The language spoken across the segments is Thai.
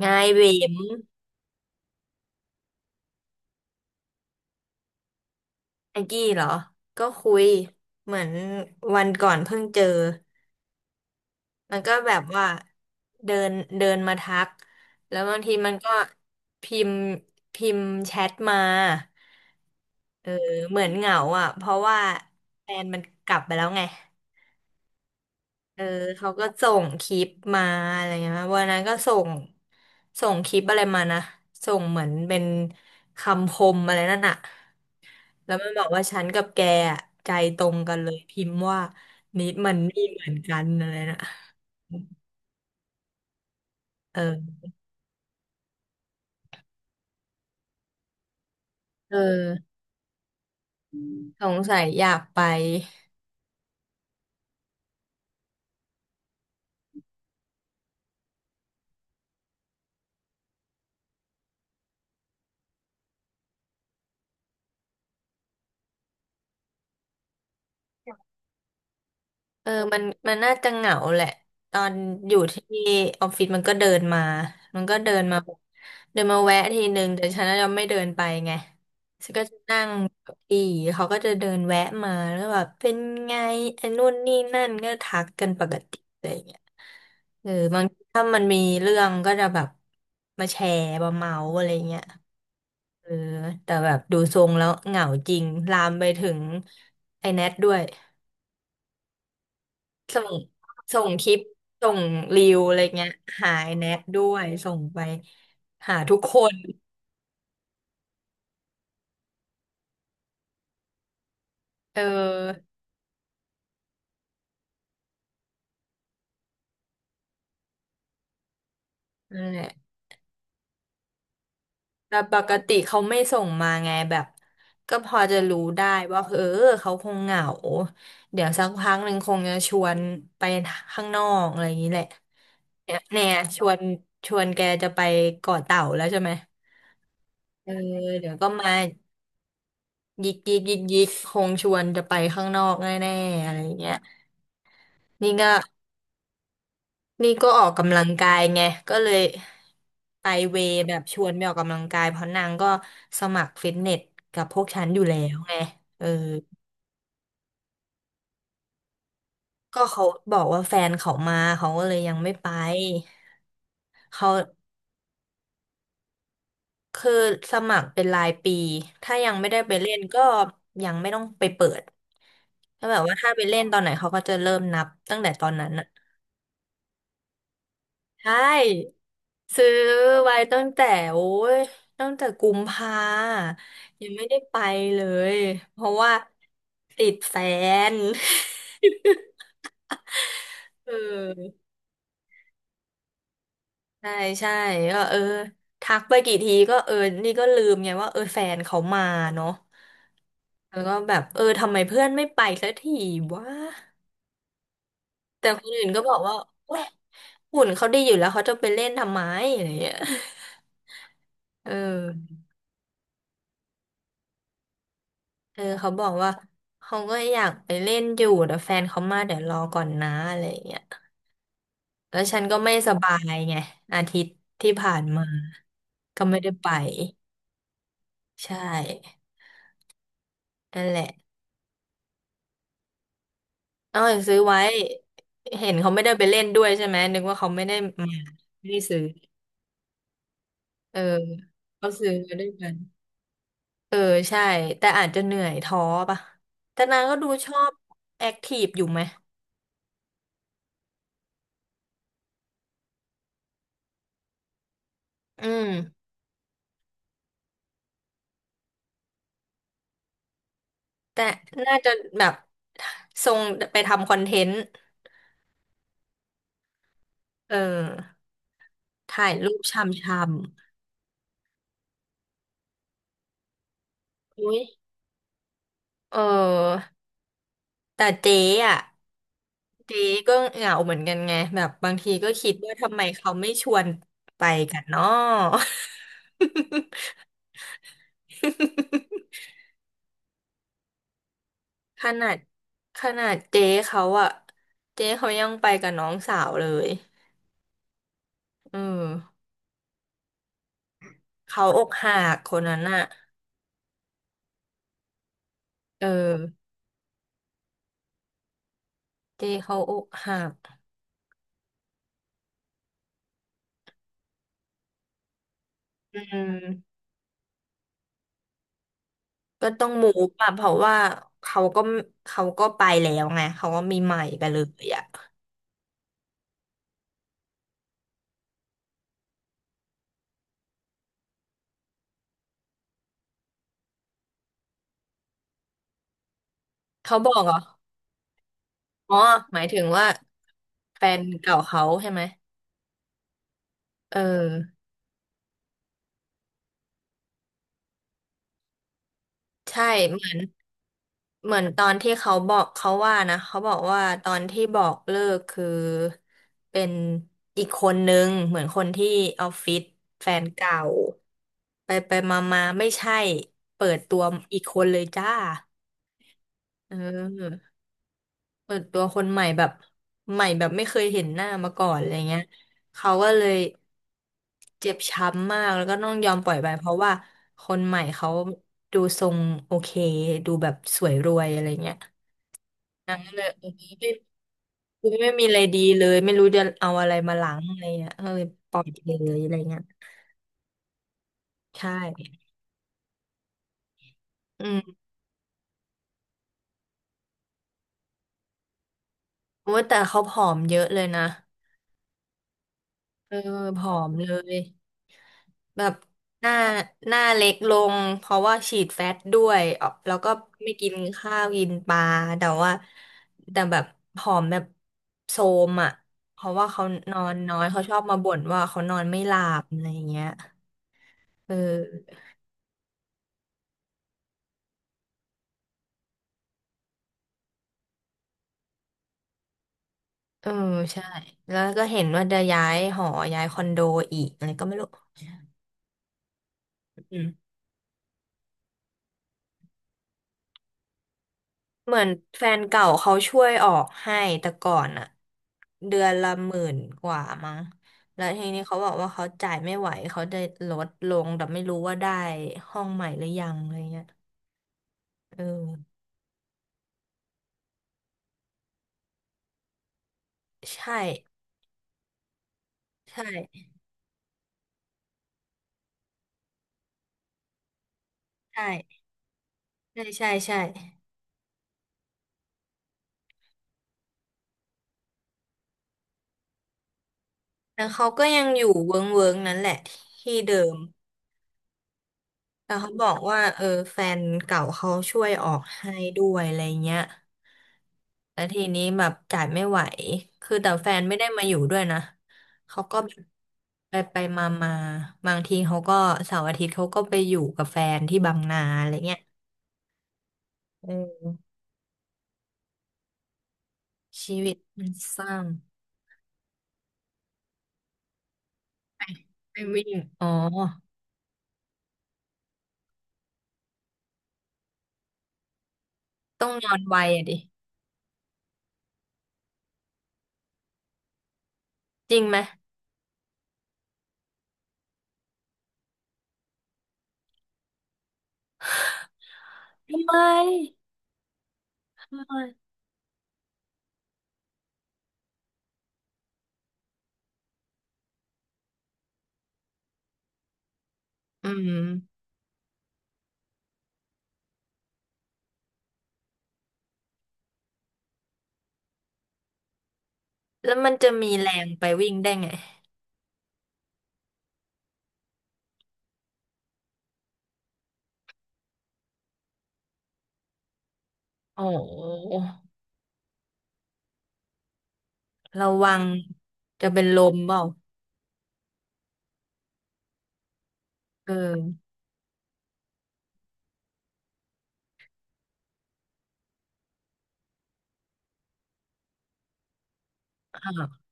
ไงเวมแองกี้เหรอก็คุยเหมือนวันก่อนเพิ่งเจอมันก็แบบว่าเดินเดินมาทักแล้วบางทีมันก็พิมพ์พิมพ์แชทมาเออเหมือนเหงาอ่ะเพราะว่าแฟนมันกลับไปแล้วไงเออเขาก็ส่งคลิปมาอะไรเงี้ยวันนั้นก็ส่งคลิปอะไรมานะส่งเหมือนเป็นคำคมอะไรนั่นอะ แล้วมันบอกว่าฉันกับแกอะใจตรงกันเลยพิมพ์ว่านิดมันนี่เหมือนกันอะไรนะเออเออสงสัยอยากไป เออมันน่าจะเหงาแหละ ตอนอยู่ที่ออฟฟิศมันก็เดินมามันก็เดินมาแบบเดินมาแวะทีนึงแต่ฉันจะไม่เดินไปไงฉันก็จะนั่งเก้าอีเขาก็จะเดินแวะมาแล้วแบบเป็นไงไอ้นู่นนี่นั่นก็ทักกันปกติอะไรอย่างเงี้ยเออบางทีถ้ามันมีเรื่องก็จะแบบมาแชร์มาเมาอะไรเงี้ยเออแต่แบบดูทรงแล้วเหงาจริงลามไปถึงไอ้แนทด้วย ส่งส่งคลิปส่งรีวอะไรเงี้ยหายแนะด้วยส่งไปหาทุกคนเออนั่นแหละแต่ปกติเขาไม่ส่งมาไงแบบก็พอจะรู้ได้ว่าเออเขาคงเหงาเดี๋ยวสักพักหนึ่งคงจะชวนไปข้างนอกอะไรอย่างนี้แหละเนี่ยเนี่ยชวนชวนแกจะไปเกาะเต่าแล้วใช่ไหมเออเดี๋ยวก็มายิกยิกยิกยิกคงชวนจะไปข้างนอกแน่ๆอะไรอย่างเงี้ยนี่ก็ นี่ก็ออกกำลังกายไงก็เลยไปเวย์แบบชวนไปออกกำลังกายเพราะนางก็สมัครฟิตเนสกับพวกฉันอยู่แล้วไงเออก็เขาบอกว่าแฟนเขามาเขาก็เลยยังไม่ไปเขาคือสมัครเป็นรายปีถ้ายังไม่ได้ไปเล่นก็ยังไม่ต้องไปเปิดก็แบบว่าถ้าไปเล่นตอนไหนเขาก็จะเริ่มนับตั้งแต่ตอนนั้น ใช่ซื้อไว้ตั้งแต่โอ้ยตั้งแต่กุมภายังไม่ได้ไปเลยเพราะว่าติดแฟน เออใช่ใช่ก็เออทักไปกี่ทีก็เออนี่ก็ลืมไงว่าเออแฟนเขามาเนาะแล้วก็แบบเออทำไมเพื่อนไม่ไปสักทีวะแต่คนอื่นก็บอกว่าโอ้ยหุ่นเขาดีอยู่แล้วเขาจะไปเล่นทำไมอะไรอย่างเงี้ย เออ เออเขาบอกว่าเขาก็อยากไปเล่นอยู่แต่แฟนเขามาเดี๋ยวรอก่อนนะอะไรอย่างเงี้ยแล้วฉันก็ไม่สบายไงอาทิตย์ที่ผ่านมาก็ไม่ได้ไปใช่นั่นแหละเอาอย่างซื้อไว้เห็นเขาไม่ได้ไปเล่นด้วยใช่ไหมนึกว่าเขาไม่ได้มาไม่ได้ซื้อเออเขาซื้อมาด้วยกันเออใช่แต่อาจจะเหนื่อยท้อป่ะแต่นางก็ดูชอบแอคทีฟอยู่ไหมอืม แต่น่าจะแบบทรงไปทำคอนเทนต์เออถ่ายรูปชำชำอุ้ยเออแต่เจ๊อ่ะเจ๊ก็เหงาเหมือนกันไงแบบบางทีก็คิดว่าทำไมเขาไม่ชวนไปกันเนาะ ขนาดขนาดเจ๊เขาอะเจ๊เขายังไปกับน้องสาวเลยเออเขาอกหักคนนั้นอะเออเจ๊เขาอกหักอืม ก็ต้องมูฟอะเพราะว่าเขาก็เขาก็ไปแล้วไงเขาก็มีใหม่ไปเลยอะเขาบอกเหรออ๋อหมายถึงว่าแฟนเก่าเขาใช่ไหมเออใช่เหมือนตอนที่เขาบอกเขาว่านะเขาบอกว่าตอนที่บอกเลิกคือเป็นอีกคนนึงเหมือนคนที่ออฟฟิศแฟนเก่าไปไปมามาไม่ใช่เปิดตัวอีกคนเลยจ้าเออ เปิดตัวคนใหม่แบบใหม่แบบไม่เคยเห็นหน้ามาก่อนอะไรเงี้ยเขาก็เลยเจ็บช้ำมากแล้วก็ต้องยอมปล่อยไปเพราะว่าคนใหม่เขาดูทรงโอเคดูแบบสวยรวยอะไรเงี้ยนางก็เลยเออไม่กูไม่มีอะไรดีเลยไม่รู้จะเอาอะไรมาล้างอะไรเงี้ยก็เลยปล่อยไปเลยอะไรเงี้ยใช่อืมโอ้ยแต่เขาผอมเยอะเลยนะ เออผอมเลยแบบหน้าหน้าเล็กลงเพราะว่าฉีดแฟตด้วยออกแล้วก็ไม่กินข้าวกินปลาแต่ว่าแต่แบบผอมแบบโทรมอ่ะเพราะว่าเขานอนน้อยเขาชอบมาบ่นว่าเขานอนไม่หลับอะไรอย่างเงี้ยเออเออใช่แล้วก็เห็นว่าจะย้ายหอย้ายคอนโดอีกอะไรก็ไม่รู้อืม เหมือนแฟนเก่าเขาช่วยออกให้แต่ก่อนอะเดือนละหมื่นกว่ามั้งแล้วทีนี้เขาบอกว่าเขาจ่ายไม่ไหวเขาได้ลดลงแต่ไม่รู้ว่าได้ห้องใหม่หรือยังอะไรเงี้ยเออใช่ใช่ใช่ใช่ใช่ใช่แล้วเขาก็ยังอยู่เวิ้งเวิ้งนั้นแหละที่เดิม แต่เขาบอกว่าเออแฟนเก่าเขาช่วยออกให้ด้วยอะไรเงี้ยแล้วทีนี้แบบจ่ายไม่ไหวคือแต่แฟนไม่ได้มาอยู่ด้วยนะเขาก็ไปไปมามาบางทีเขาก็เสาร์อาทิตย์เขาก็ไปอยู่กับแฟนที่บางนาอะไรเงี้ยเออชีวิตมันเศร้าไปวิ่งอ๋อต้องนอนไวอะดิจริงไหมอืมแล้วมันจะมีแรงไปวิ่งได้ไงโอ้โหระวังจะเป็นลมเปล่า เออค่ะ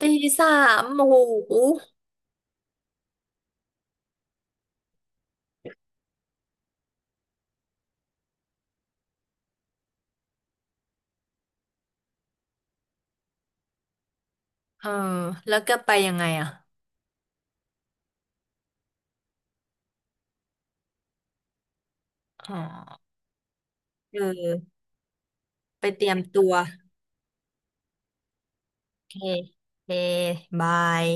ตีสามโอ้โหเออแล้วก็ไปยังไงอ่ะอ๋อเออไปเตรียมตัวโอเคโอเคบาย